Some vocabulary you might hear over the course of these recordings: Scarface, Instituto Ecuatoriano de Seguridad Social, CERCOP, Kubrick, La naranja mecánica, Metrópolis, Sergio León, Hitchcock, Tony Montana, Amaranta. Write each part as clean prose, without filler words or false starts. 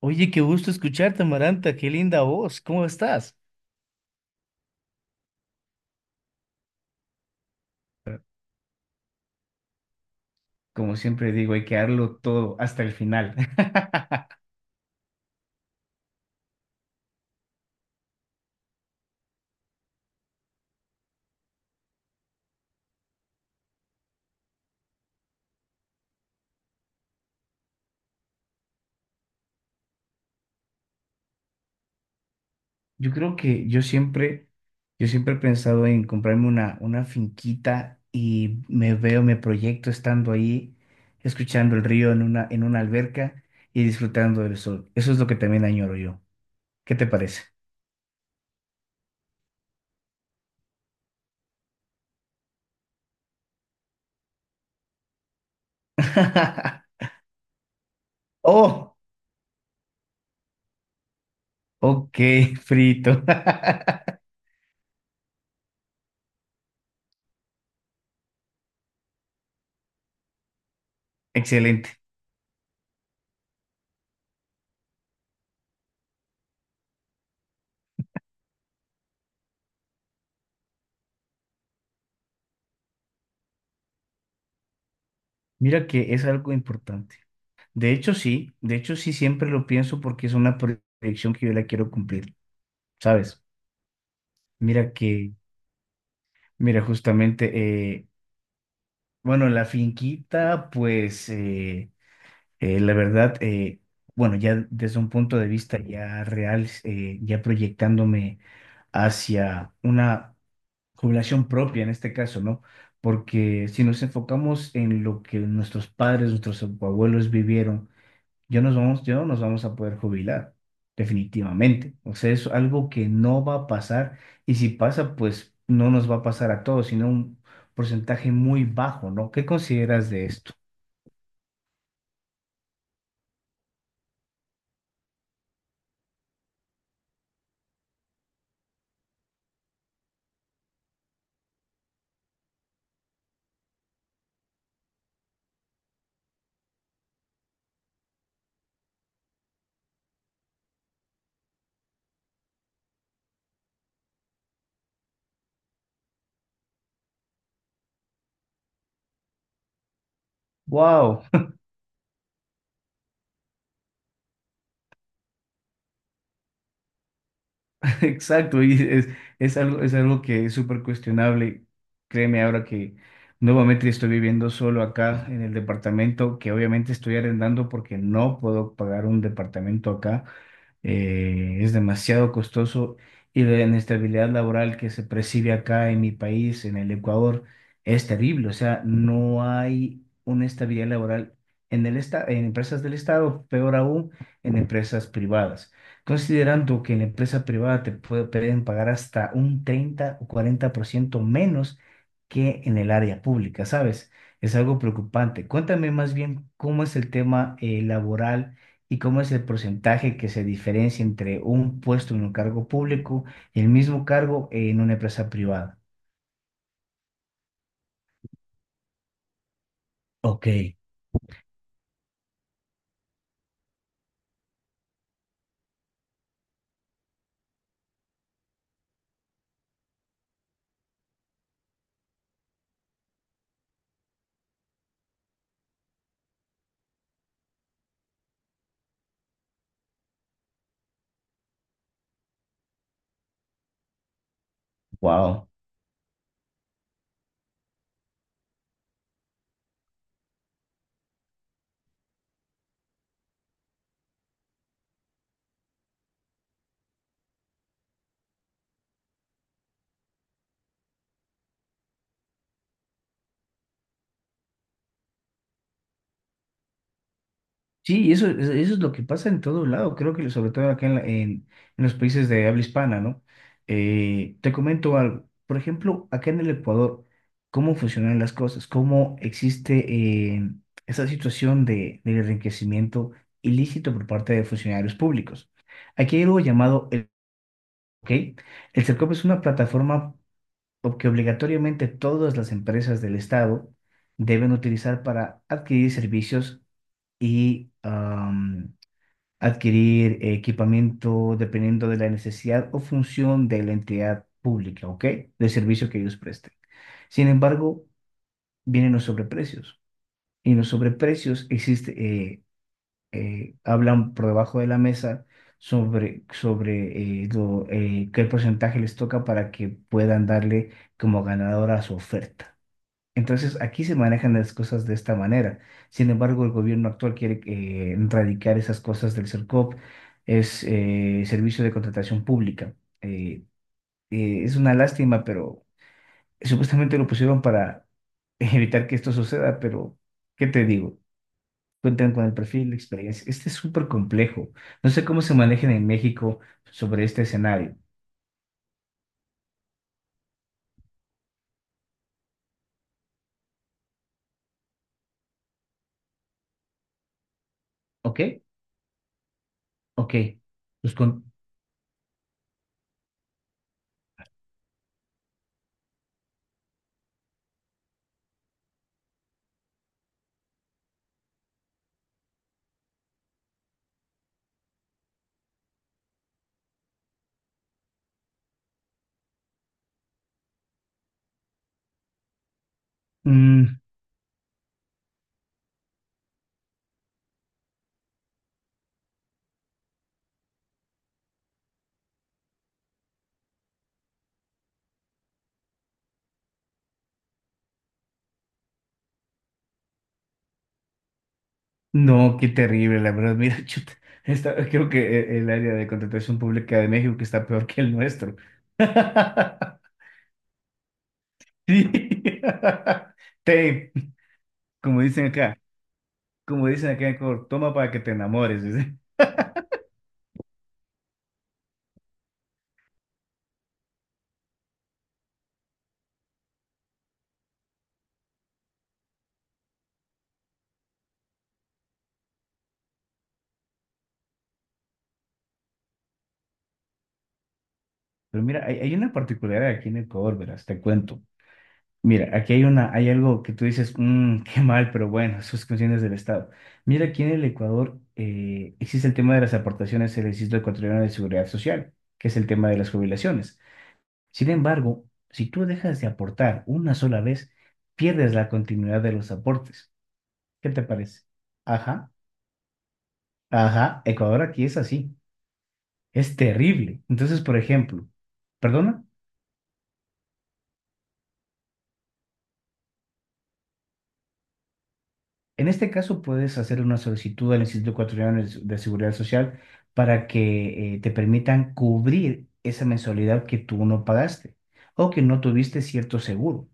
Oye, qué gusto escucharte, Amaranta, qué linda voz, ¿cómo estás? Como siempre digo, hay que darlo todo hasta el final. Yo creo que yo siempre he pensado en comprarme una finquita y me proyecto estando ahí, escuchando el río en una alberca y disfrutando del sol. Eso es lo que también añoro yo. ¿Qué te parece? Oh, ok, frito. Excelente. Mira que es algo importante. De hecho, sí, siempre lo pienso porque es una proyección que yo la quiero cumplir, ¿sabes? Mira que, mira, justamente, eh, bueno, la finquita, pues, la verdad, bueno, ya desde un punto de vista ya real, ya proyectándome hacia una jubilación propia en este caso, ¿no? Porque si nos enfocamos en lo que nuestros padres, nuestros abuelos vivieron, yo no nos vamos a poder jubilar, definitivamente. O sea, es algo que no va a pasar y si pasa, pues no nos va a pasar a todos, sino un porcentaje muy bajo, ¿no? ¿Qué consideras de esto? Wow, exacto, y es algo que es súper cuestionable. Créeme ahora que nuevamente estoy viviendo solo acá en el departamento, que obviamente estoy arrendando porque no puedo pagar un departamento acá, es demasiado costoso y la inestabilidad laboral que se percibe acá en mi país, en el Ecuador, es terrible. O sea, no hay una estabilidad laboral en empresas del Estado, peor aún en empresas privadas. Considerando que en la empresa privada pueden pagar hasta un 30 o 40% menos que en el área pública, ¿sabes? Es algo preocupante. Cuéntame más bien cómo es el tema laboral. ¿Y cómo es el porcentaje que se diferencia entre un puesto en un cargo público y el mismo cargo en una empresa privada? Ok. Wow. Sí, eso es lo que pasa en todo lado, creo que sobre todo acá en los países de habla hispana, ¿no? Te comento algo, por ejemplo, acá en el Ecuador, ¿cómo funcionan las cosas? ¿Cómo existe esa situación del enriquecimiento ilícito por parte de funcionarios públicos? Aquí hay algo llamado, ¿ok? El CERCOP es una plataforma que obligatoriamente todas las empresas del Estado deben utilizar para adquirir servicios y adquirir equipamiento dependiendo de la necesidad o función de la entidad pública, ¿ok? Del servicio que ellos presten. Sin embargo, vienen los sobreprecios. Y en los sobreprecios eh, hablan por debajo de la mesa sobre qué porcentaje les toca para que puedan darle como ganadora a su oferta. Entonces, aquí se manejan las cosas de esta manera. Sin embargo, el gobierno actual quiere erradicar esas cosas del CERCOP, es Servicio de Contratación Pública. Eh, es una lástima, pero supuestamente lo pusieron para evitar que esto suceda, pero ¿qué te digo? Cuentan con el perfil, la experiencia. Este es súper complejo. No sé cómo se manejan en México sobre este escenario. ¿Ok? Ok. Pues con... mm, no, qué terrible, la verdad. Mira, chuta, creo que el área de contratación pública de México que está peor que el nuestro. Sí. Te, como dicen acá, como dicen acá en Ecuador, toma para que te enamores. dice. Pero mira, hay una particularidad aquí en Ecuador, verás, te cuento. Mira, aquí hay algo que tú dices, "Mm, qué mal, pero bueno, sus funciones del Estado. Mira, aquí en el Ecuador existe el tema de las aportaciones al Instituto Ecuatoriano de Seguridad Social, que es el tema de las jubilaciones. Sin embargo, si tú dejas de aportar una sola vez, pierdes la continuidad de los aportes. ¿Qué te parece? Ajá, ajá, Ecuador aquí es así. Es terrible. Entonces, por ejemplo, ¿perdona? En este caso, puedes hacer una solicitud al Instituto Ecuatoriano de Seguridad Social para que te permitan cubrir esa mensualidad que tú no pagaste o que no tuviste cierto seguro.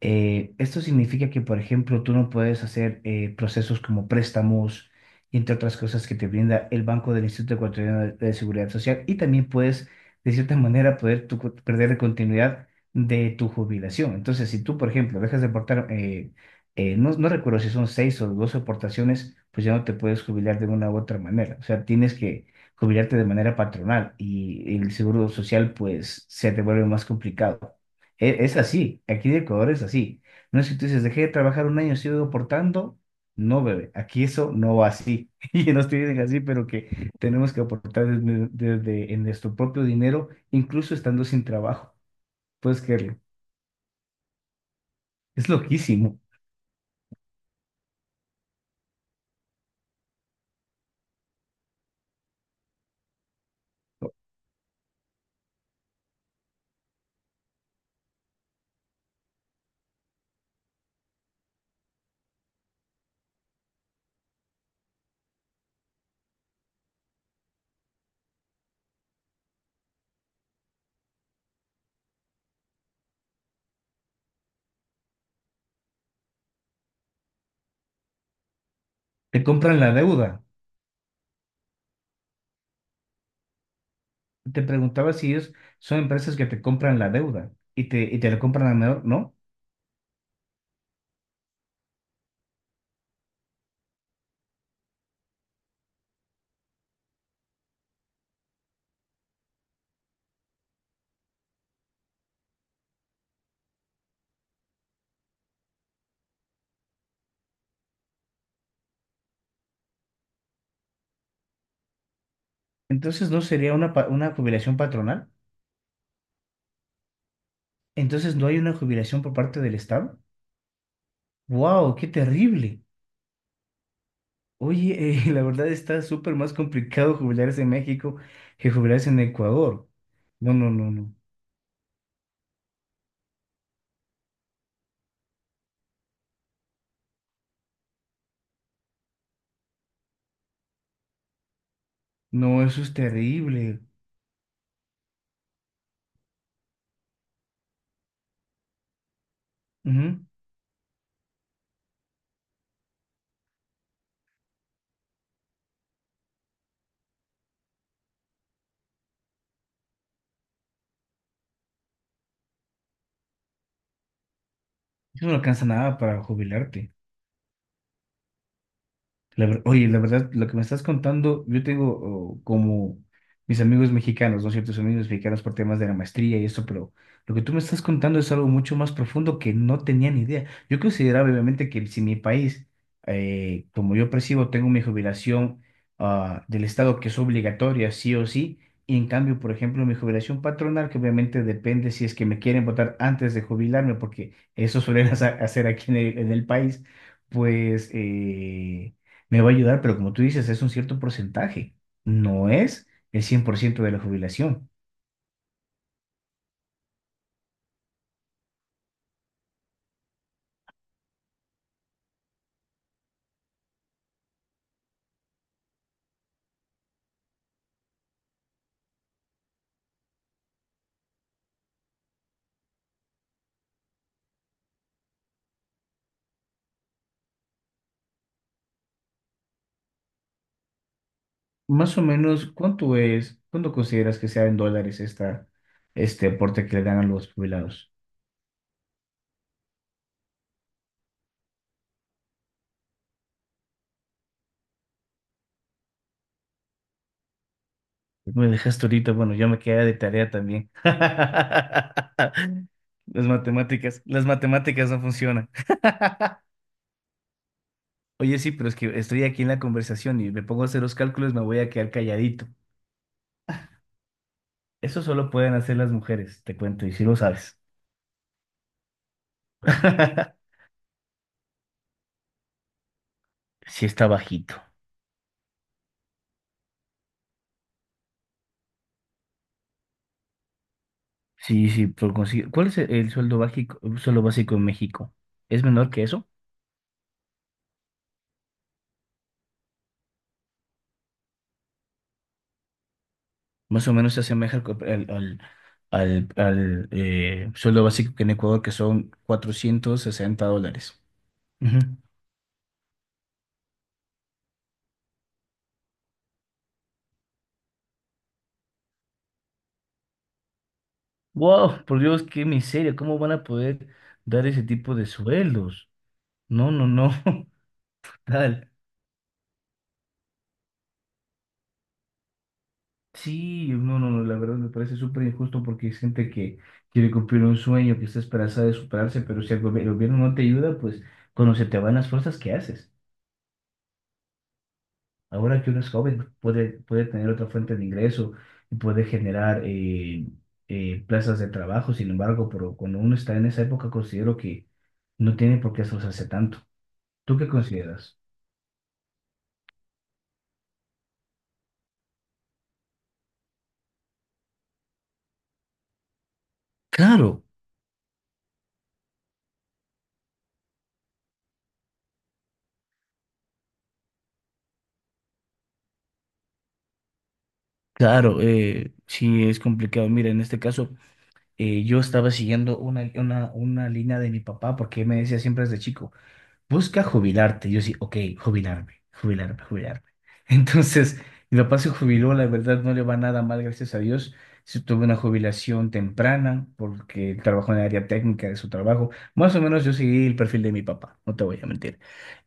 Esto significa que, por ejemplo, tú no puedes hacer procesos como préstamos y entre otras cosas que te brinda el Banco del Instituto Ecuatoriano de Seguridad Social y también puedes, de cierta manera, poder perder la continuidad de tu jubilación. Entonces, si tú, por ejemplo, dejas de aportar, no recuerdo si son seis o dos aportaciones, pues ya no te puedes jubilar de una u otra manera. O sea, tienes que jubilarte de manera patronal y el seguro social, pues, se te vuelve más complicado. Es así, aquí en Ecuador es así. No es que tú dices, dejé de trabajar un año, sigo aportando. No, bebé, aquí eso no va así. Y nos tienen así, pero que tenemos que aportar en nuestro propio dinero, incluso estando sin trabajo. Puedes creerlo. Es loquísimo. Te compran la deuda. Te preguntaba si ellos son empresas que te compran la deuda y te la compran a menor, ¿no? Entonces, ¿no sería una jubilación patronal? Entonces, ¿no hay una jubilación por parte del Estado? ¡Wow! ¡Qué terrible! Oye, la verdad está súper más complicado jubilarse en México que jubilarse en Ecuador. No, no, no, no. No, eso es terrible. Ujú. Eso no alcanza nada para jubilarte. Oye, la verdad, lo que me estás contando, yo tengo, oh, como mis amigos mexicanos, ¿no? Ciertos amigos mexicanos por temas de la maestría y eso, pero lo que tú me estás contando es algo mucho más profundo que no tenía ni idea. Yo consideraba, obviamente, que si mi país, como yo percibo, tengo mi jubilación, del Estado que es obligatoria, sí o sí, y en cambio, por ejemplo, mi jubilación patronal, que obviamente depende si es que me quieren votar antes de jubilarme, porque eso suelen hacer aquí en el país, pues, me va a ayudar, pero como tú dices, es un cierto porcentaje, no es el 100% de la jubilación. Más o menos, cuánto consideras que sea en dólares este aporte que le dan a los jubilados? Me dejaste ahorita, bueno, yo me queda de tarea también. Las matemáticas no funcionan. Oye, sí, pero es que estoy aquí en la conversación y me pongo a hacer los cálculos, me voy a quedar calladito. Eso solo pueden hacer las mujeres, te cuento, y si lo sabes. Sí está bajito. Sí, sí, por conseguir. ¿Cuál es el sueldo básico en México? ¿Es menor que eso? Más o menos se asemeja al, co- al, al- al- al, sueldo básico que en Ecuador, que son 460 dólares. Ujú. Wow, por Dios, qué miseria. ¿Cómo van a poder dar ese tipo de sueldos? No, no, no. Tal. Sí, no, no, no. La verdad me parece súper injusto porque es gente que quiere cumplir un sueño, que está esperanzada de superarse, pero si el gobierno no te ayuda, pues cuando se te van las fuerzas, ¿qué haces? Ahora que uno es joven, puede tener otra fuente de ingreso y puede generar plazas de trabajo. Sin embargo, pero cuando uno está en esa época, considero que no tiene por qué esforzarse tanto. ¿Tú qué consideras? Claro, claro, sí es complicado. Mira, en este caso, yo estaba siguiendo una línea de mi papá porque él me decía siempre desde chico. Busca jubilarte. Y yo sí, ok, jubilarme, jubilarme, jubilarme. Entonces, mi papá se jubiló, la verdad no le va nada mal, gracias a Dios. Sí tuvo una jubilación temprana porque él trabajó en el área técnica de su trabajo. Más o menos yo seguí el perfil de mi papá, no te voy a mentir.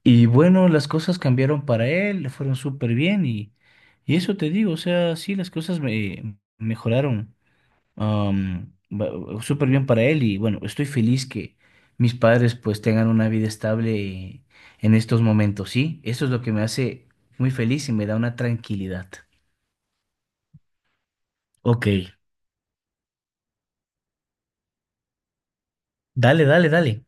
Y bueno, las cosas cambiaron para él, le fueron súper bien y eso te digo, o sea, sí, las cosas me mejoraron. Am, ba- Súper bien para él y bueno, estoy feliz que mis padres pues tengan una vida estable en estos momentos, ¿sí? Eso es lo que me hace muy feliz y me da una tranquilidad. Ok, dale, dale, dale.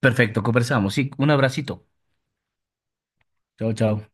Perfecto, conversamos, sí, un abracito. Chao, chao.